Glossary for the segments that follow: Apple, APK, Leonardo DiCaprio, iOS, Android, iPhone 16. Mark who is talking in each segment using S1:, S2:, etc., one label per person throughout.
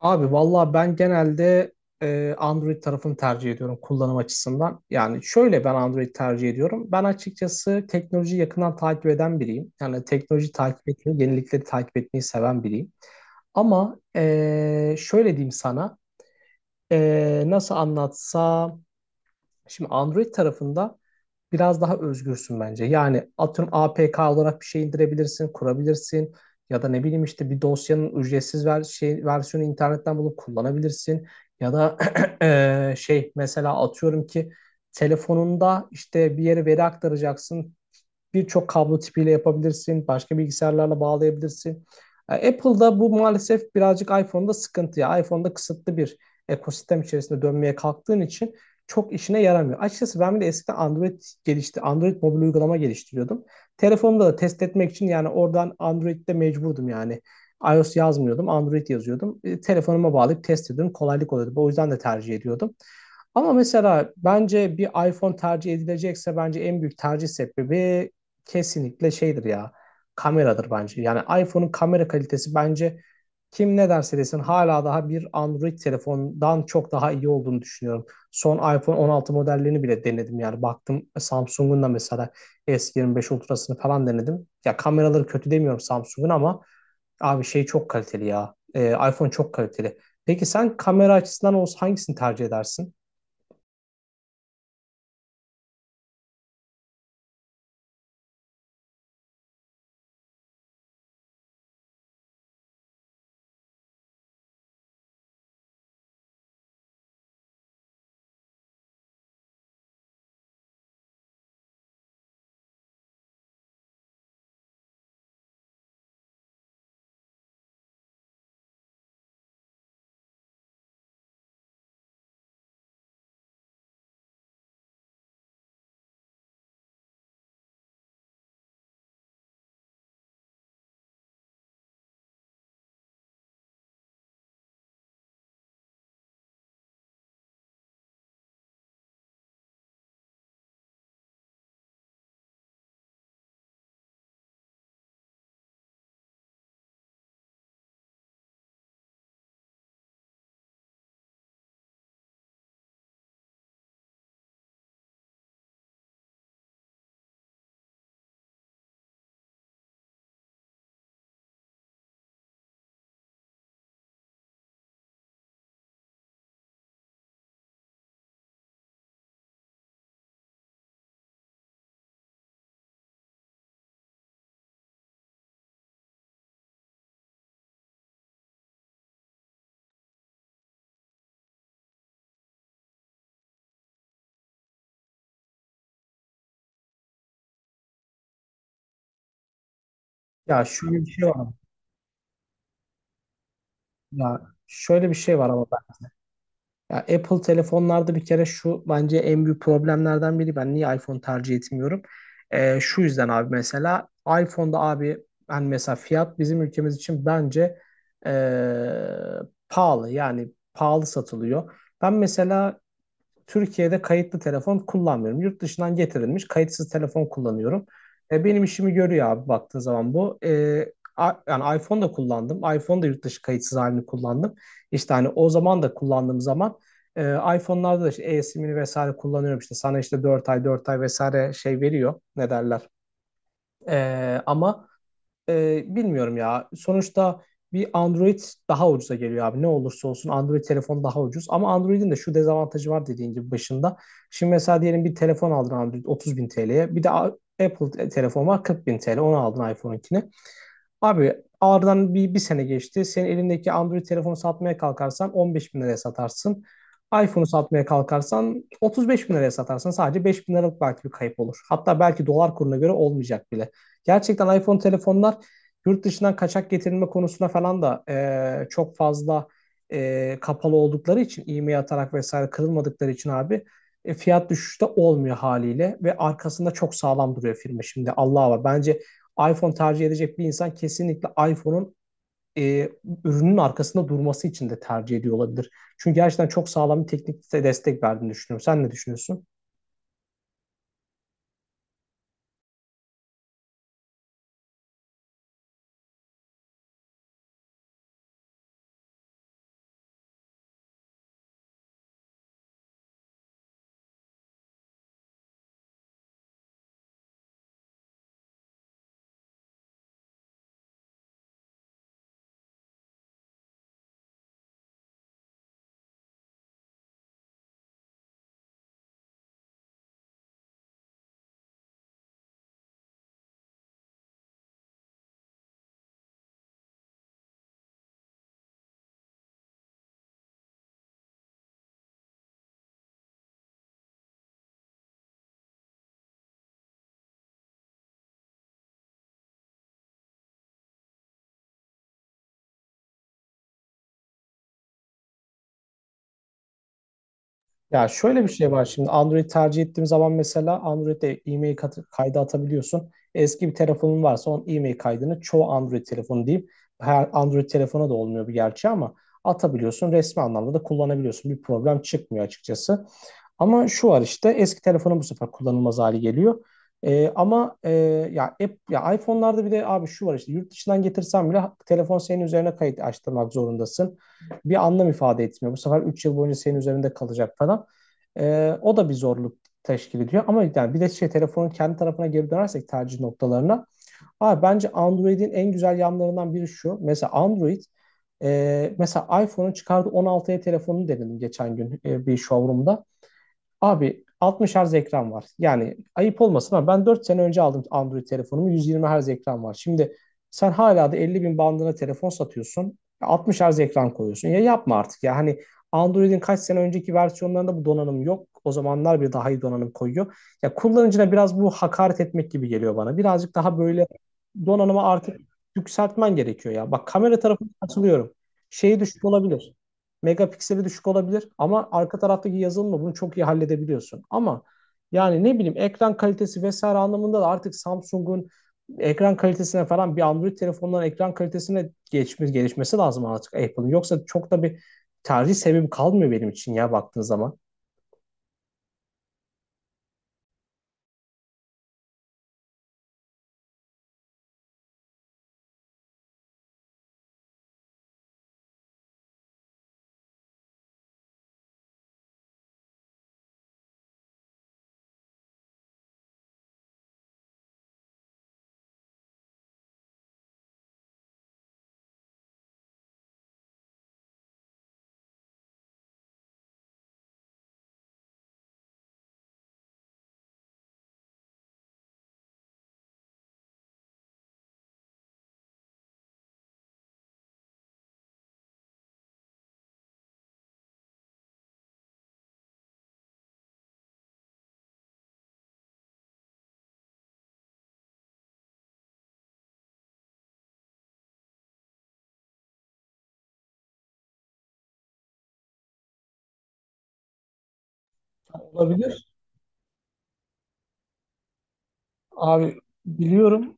S1: Abi valla ben genelde Android tarafını tercih ediyorum kullanım açısından. Yani şöyle ben Android tercih ediyorum. Ben açıkçası teknolojiyi yakından takip eden biriyim. Yani teknoloji takip etmeyi, yenilikleri takip etmeyi seven biriyim. Ama şöyle diyeyim sana, nasıl anlatsam, şimdi Android tarafında biraz daha özgürsün bence. Yani atıyorum APK olarak bir şey indirebilirsin, kurabilirsin ya da ne bileyim işte bir dosyanın ücretsiz ver şey versiyonu internetten bulup kullanabilirsin ya da şey mesela atıyorum ki telefonunda işte bir yere veri aktaracaksın birçok kablo tipiyle yapabilirsin. Başka bilgisayarlarla bağlayabilirsin. Apple'da bu maalesef birazcık iPhone'da sıkıntı ya. iPhone'da kısıtlı bir ekosistem içerisinde dönmeye kalktığın için çok işine yaramıyor. Açıkçası ben bile eskiden Android gelişti. Android mobil uygulama geliştiriyordum. Telefonumda da test etmek için yani oradan Android'de mecburdum yani. iOS yazmıyordum, Android yazıyordum. Telefonuma bağlayıp test ediyordum. Kolaylık oluyordu. O yüzden de tercih ediyordum. Ama mesela bence bir iPhone tercih edilecekse bence en büyük tercih sebebi kesinlikle şeydir ya. Kameradır bence. Yani iPhone'un kamera kalitesi bence kim ne derse desin hala daha bir Android telefondan çok daha iyi olduğunu düşünüyorum. Son iPhone 16 modellerini bile denedim yani. Baktım Samsung'un da mesela S25 Ultra'sını falan denedim. Ya kameraları kötü demiyorum Samsung'un ama abi şey çok kaliteli ya. iPhone çok kaliteli. Peki sen kamera açısından olsa hangisini tercih edersin? Ya şöyle bir şey var. Ama- Ya şöyle bir şey var ama ya Apple telefonlarda bir kere şu bence en büyük problemlerden biri. Ben niye iPhone tercih etmiyorum? Şu yüzden abi mesela iPhone'da abi hani mesela fiyat bizim ülkemiz için bence ee, pahalı yani pahalı satılıyor. Ben mesela Türkiye'de kayıtlı telefon kullanmıyorum. Yurt dışından getirilmiş kayıtsız telefon kullanıyorum. Benim işimi görüyor abi baktığın zaman bu. Yani iPhone da kullandım. iPhone da yurt dışı kayıtsız halini kullandım. İşte hani o zaman da kullandığım zaman e, iPhone'larda da işte e-SIM'ini vesaire kullanıyorum. İşte sana işte 4 ay 4 ay vesaire şey veriyor. Ne derler? E, ama bilmiyorum ya. Sonuçta bir Android daha ucuza geliyor abi. Ne olursa olsun Android telefon daha ucuz. Ama Android'in de şu dezavantajı var dediğin gibi başında. Şimdi mesela diyelim bir telefon aldın Android 30 bin TL'ye. Bir de Apple telefon var 40 bin TL. Onu aldın iPhone'unkini. Abi aradan bir sene geçti. Senin elindeki Android telefonu satmaya kalkarsan 15 bin liraya satarsın. iPhone'u satmaya kalkarsan 35 bin liraya satarsın. Sadece 5 bin liralık belki bir kayıp olur. Hatta belki dolar kuruna göre olmayacak bile. Gerçekten iPhone telefonlar yurt dışından kaçak getirilme konusuna falan da çok fazla kapalı oldukları için e-mail atarak vesaire kırılmadıkları için abi fiyat düşüşü de olmuyor haliyle ve arkasında çok sağlam duruyor firma şimdi Allah'a var. Bence iPhone tercih edecek bir insan kesinlikle iPhone'un e, ürünün arkasında durması için de tercih ediyor olabilir. Çünkü gerçekten çok sağlam bir teknik destek verdiğini düşünüyorum. Sen ne düşünüyorsun? Ya şöyle bir şey var şimdi Android tercih ettiğim zaman mesela Android'e e-mail kaydı atabiliyorsun. Eski bir telefonun varsa onun e-mail kaydını çoğu Android telefonu diyeyim. Her Android telefona da olmuyor bir gerçi ama atabiliyorsun. Resmi anlamda da kullanabiliyorsun. Bir problem çıkmıyor açıkçası. Ama şu var işte eski telefonun bu sefer kullanılmaz hali geliyor. Ama e, ya, app, ya iPhone'larda bir de abi şu var işte yurt dışından getirsen bile telefon senin üzerine kayıt açtırmak zorundasın. Bir anlam ifade etmiyor. Bu sefer 3 yıl boyunca senin üzerinde kalacak falan. O da bir zorluk teşkil ediyor. Ama yani bir de şey telefonun kendi tarafına geri dönersek tercih noktalarına. Abi bence Android'in en güzel yanlarından biri şu. Mesela Android mesela iPhone'un çıkardığı 16'ya telefonunu denedim geçen gün bir showroom'da. Abi 60 Hz ekran var. Yani ayıp olmasın ama ben 4 sene önce aldım Android telefonumu. 120 Hz ekran var. Şimdi sen hala da 50 bin bandına telefon satıyorsun. 60 Hz ekran koyuyorsun. Ya yapma artık ya. Hani Android'in kaç sene önceki versiyonlarında bu donanım yok. O zamanlar bir daha iyi donanım koyuyor. Ya kullanıcına biraz bu hakaret etmek gibi geliyor bana. Birazcık daha böyle donanımı artık yükseltmen gerekiyor ya. Bak kamera tarafına katılıyorum. Şeyi düşük olabilir megapikseli düşük olabilir ama arka taraftaki yazılımla bunu çok iyi halledebiliyorsun. Ama yani ne bileyim ekran kalitesi vesaire anlamında da artık Samsung'un ekran kalitesine falan bir Android telefonların ekran kalitesine geçmiş gelişmesi lazım artık Apple'ın. Yoksa çok da bir tercih sebebim kalmıyor benim için ya baktığın zaman. Olabilir. Abi biliyorum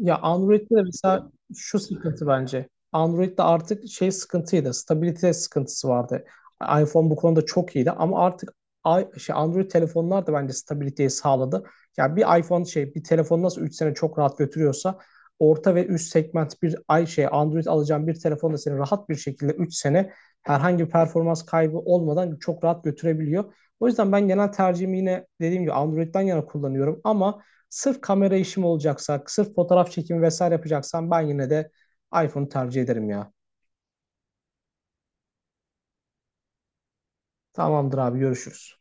S1: ya Android'de de mesela şu sıkıntı bence. Android'de artık şey sıkıntıydı. Stabilite sıkıntısı vardı. iPhone bu konuda çok iyiydi ama artık şey Android telefonlar da bence stabiliteyi sağladı. Ya bir iPhone şey bir telefon nasıl 3 sene çok rahat götürüyorsa orta ve üst segment bir ay şey Android alacağın bir telefon da seni rahat bir şekilde 3 sene herhangi bir performans kaybı olmadan çok rahat götürebiliyor. O yüzden ben genel tercihimi yine dediğim gibi Android'den yana kullanıyorum ama sırf kamera işim olacaksa, sırf fotoğraf çekimi vesaire yapacaksam ben yine de iPhone'u tercih ederim ya. Tamamdır abi görüşürüz.